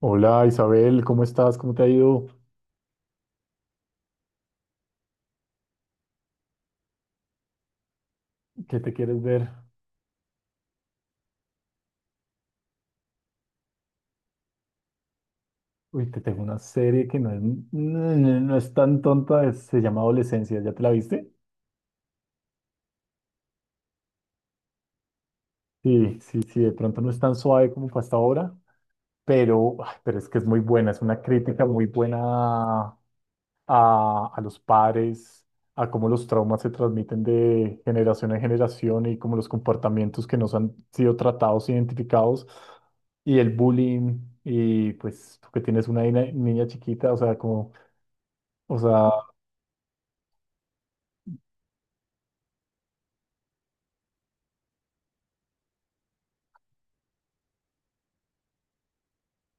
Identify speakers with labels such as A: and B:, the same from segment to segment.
A: Hola Isabel, ¿cómo estás? ¿Cómo te ha ido? ¿Qué te quieres ver? Uy, te tengo una serie que no es tan tonta, se llama Adolescencia, ¿ya te la viste? Sí, sí, sí, de pronto no es tan suave como fue hasta ahora, pero, ay, pero es que es muy buena, es una crítica muy buena a los padres, a cómo los traumas se transmiten de generación en generación y cómo los comportamientos que nos han sido tratados, identificados, y el bullying, y pues tú que tienes una niña chiquita, o sea, como, o sea,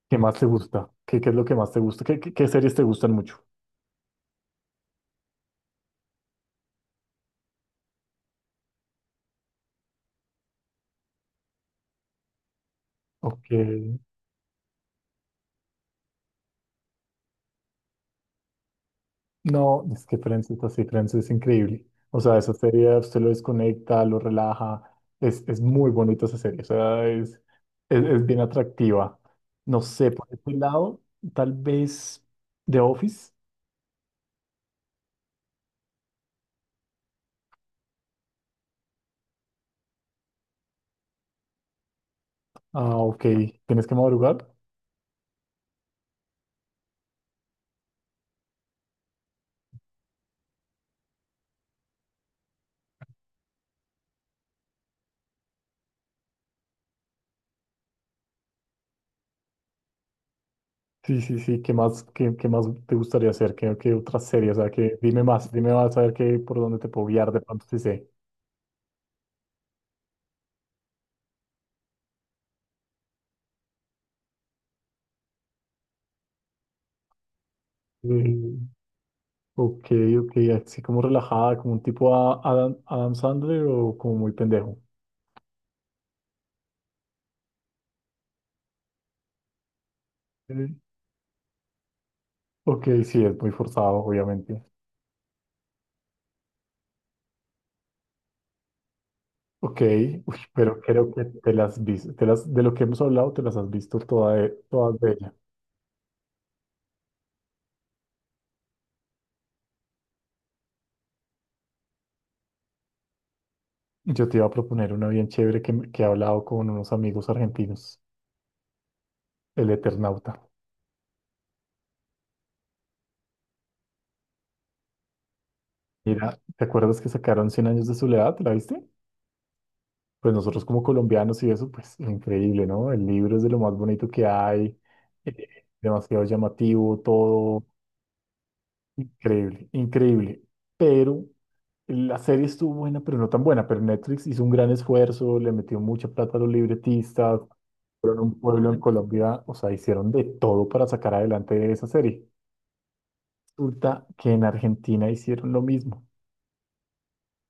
A: ¿qué más te gusta? Qué es lo que más te gusta? Qué series te gustan mucho? Ok. No, es que Friends es así, Friends es increíble. O sea, esa serie usted lo desconecta, lo relaja. Es muy bonita esa serie, o sea, es bien atractiva. No sé, por este lado, tal vez The Office. Ah, ok, ¿tienes que madrugar? Sí, sí, sí, ¿qué más, qué más te gustaría hacer? ¿Qué, qué otra serie? O sea, que dime más a ver qué, por dónde te puedo guiar de pronto si sé. Mm, ok, ok, así como relajada, como un tipo a Adam Sandler o como muy pendejo. Eh, Ok, sí, es muy forzado, obviamente. Ok, uy, pero creo que te las vis- te las, de lo que hemos hablado, te las has visto toda de- todas de ella. Yo te iba a proponer una bien chévere que he hablado con unos amigos argentinos, El Eternauta. Mira, ¿te acuerdas que sacaron Cien años de soledad? ¿La viste? Pues nosotros como colombianos y eso, pues increíble, ¿no? El libro es de lo más bonito que hay, demasiado llamativo, todo increíble, increíble. Pero la serie estuvo buena, pero no tan buena. Pero Netflix hizo un gran esfuerzo, le metió mucha plata a los libretistas, un pueblo en Colombia, o sea, hicieron de todo para sacar adelante esa serie. Resulta que en Argentina hicieron lo mismo.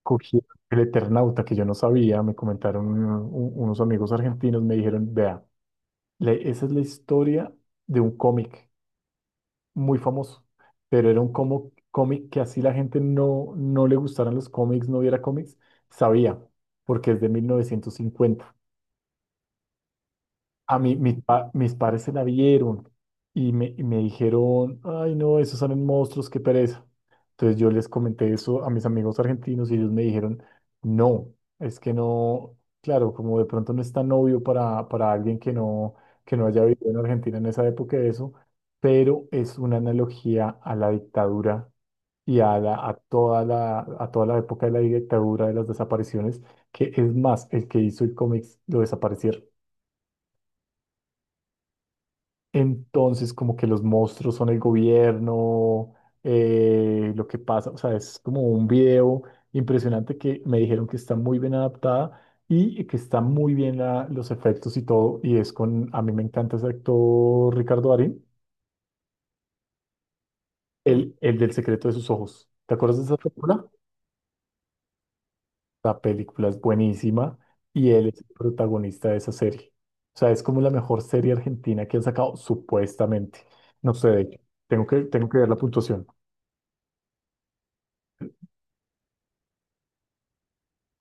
A: Cogieron el Eternauta, que yo no sabía, me comentaron unos amigos argentinos, me dijeron, vea, esa es la historia de un cómic muy famoso, pero era un como, cómic que así la gente no le gustaran los cómics, no viera cómics, sabía, porque es de 1950, a mí, mis padres se la vieron y y me dijeron, ay no, esos salen monstruos, qué pereza. Entonces yo les comenté eso a mis amigos argentinos y ellos me dijeron, no, es que no, claro, como de pronto no es tan obvio para alguien que no haya vivido en Argentina en esa época eso, pero es una analogía a la dictadura y a toda la época de la dictadura, de las desapariciones, que es más, el que hizo el cómic lo desaparecieron. Entonces, como que los monstruos son el gobierno, lo que pasa, o sea, es como un video impresionante que me dijeron que está muy bien adaptada y que está muy bien los efectos y todo, y es con, a mí me encanta ese actor Ricardo Darín, el del secreto de sus ojos. ¿Te acuerdas de esa película? La película es buenísima y él es el protagonista de esa serie. O sea, es como la mejor serie argentina que han sacado, supuestamente. No sé, de hecho, tengo que ver la puntuación.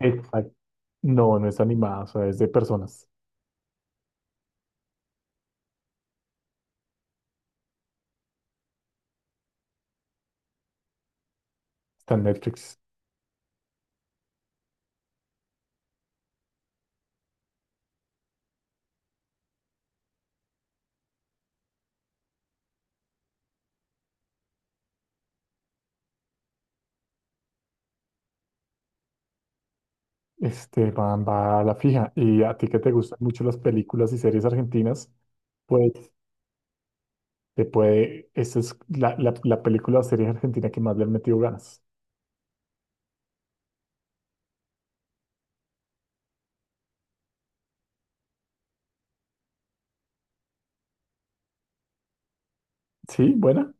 A: Exacto. No, no es animada, o sea, es de personas. Está en Netflix. Este, van, va a la fija. Y a ti que te gustan mucho las películas y series argentinas, pues te puede. Esa es la película o serie argentina que más le han metido ganas. Sí, buena.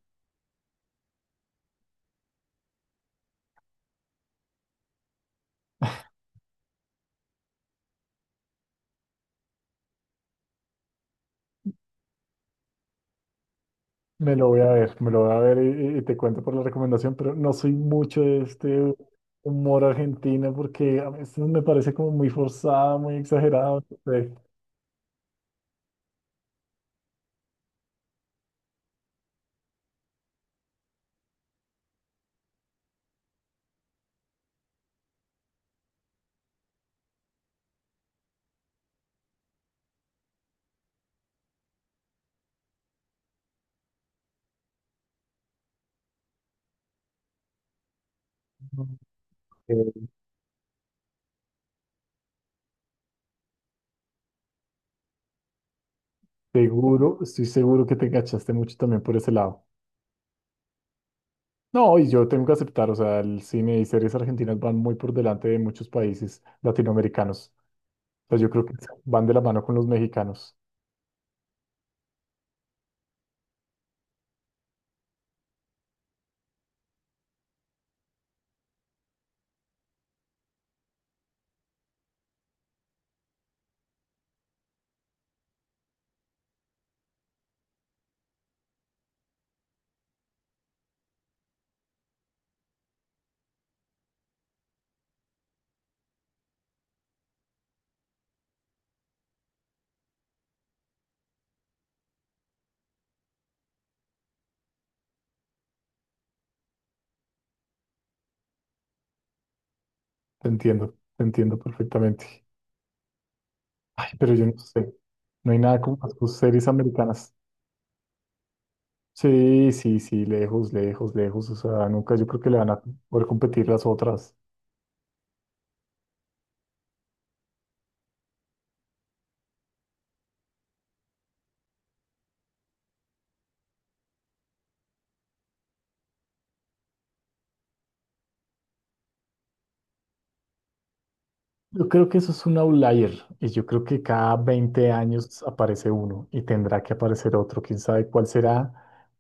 A: Me lo voy a ver, me lo voy a ver y, y te cuento por la recomendación, pero no soy mucho de este humor argentino porque a veces me parece como muy forzado, muy exagerado. No sé. Eh, seguro, estoy seguro que te enganchaste mucho también por ese lado. No, y yo tengo que aceptar, o sea, el cine y series argentinas van muy por delante de muchos países latinoamericanos. O sea, yo creo que van de la mano con los mexicanos. Te entiendo perfectamente. Ay, pero yo no sé. No hay nada como las sus series americanas. Sí, sí, sí, lejos, lejos, lejos. O sea, nunca yo creo que le van a poder competir las otras. Yo creo que eso es un outlier y yo creo que cada 20 años aparece uno y tendrá que aparecer otro, quién sabe cuál será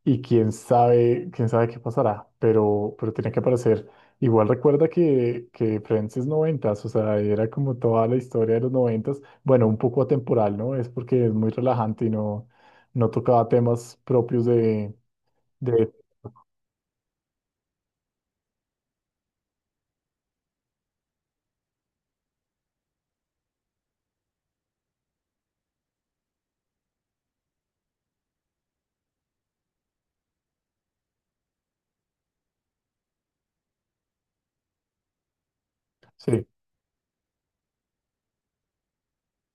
A: y quién sabe qué pasará, pero tiene que aparecer. Igual recuerda que Friends es noventas, o sea, era como toda la historia de los noventas, bueno, un poco atemporal, ¿no? Es porque es muy relajante y no, no tocaba temas propios de... Sí,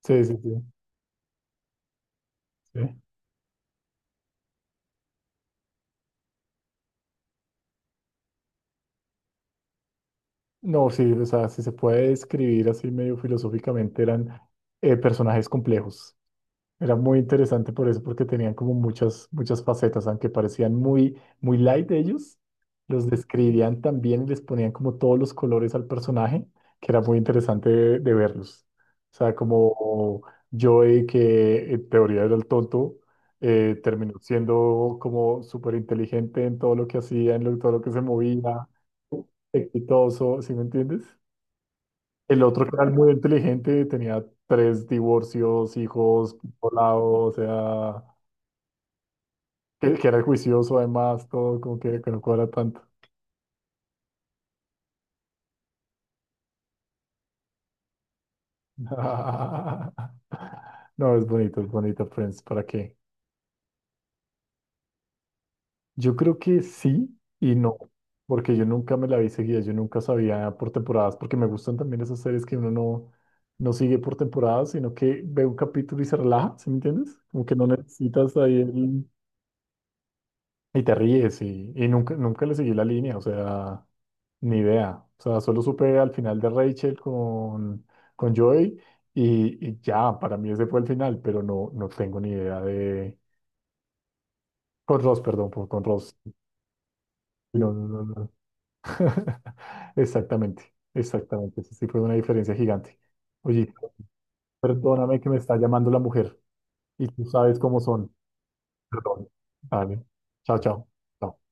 A: sí, sí, sí, sí. No, sí, o sea, si se puede describir así medio filosóficamente, eran personajes complejos. Era muy interesante por eso, porque tenían como muchas, muchas facetas, aunque parecían muy, muy light ellos, los describían también y les ponían como todos los colores al personaje, que era muy interesante de verlos. O sea, como Joey, que en teoría era el tonto, terminó siendo como súper inteligente en todo lo que hacía, en todo lo que se movía, exitoso, ¿sí me entiendes? El otro que era muy inteligente tenía 3 divorcios, hijos, volado, o sea, que era juicioso además, todo como que no cuadra tanto. No, es bonito, Friends, ¿para qué? Yo creo que sí y no, porque yo nunca me la vi seguida, yo nunca sabía por temporadas, porque me gustan también esas series que uno no, no sigue por temporadas, sino que ve un capítulo y se relaja, ¿sí me entiendes? Como que no necesitas ahí el... Y te ríes y nunca, nunca le seguí la línea, o sea, ni idea. O sea, solo supe al final de Rachel con Joey y ya, para mí ese fue el final, pero no, no tengo ni idea de... Con Ross, perdón, con Ross. No, no, no, no. Exactamente, exactamente. Esa sí fue una diferencia gigante. Oye, perdóname que me está llamando la mujer y tú sabes cómo son. Perdón. Vale. Chao, chao. Chao.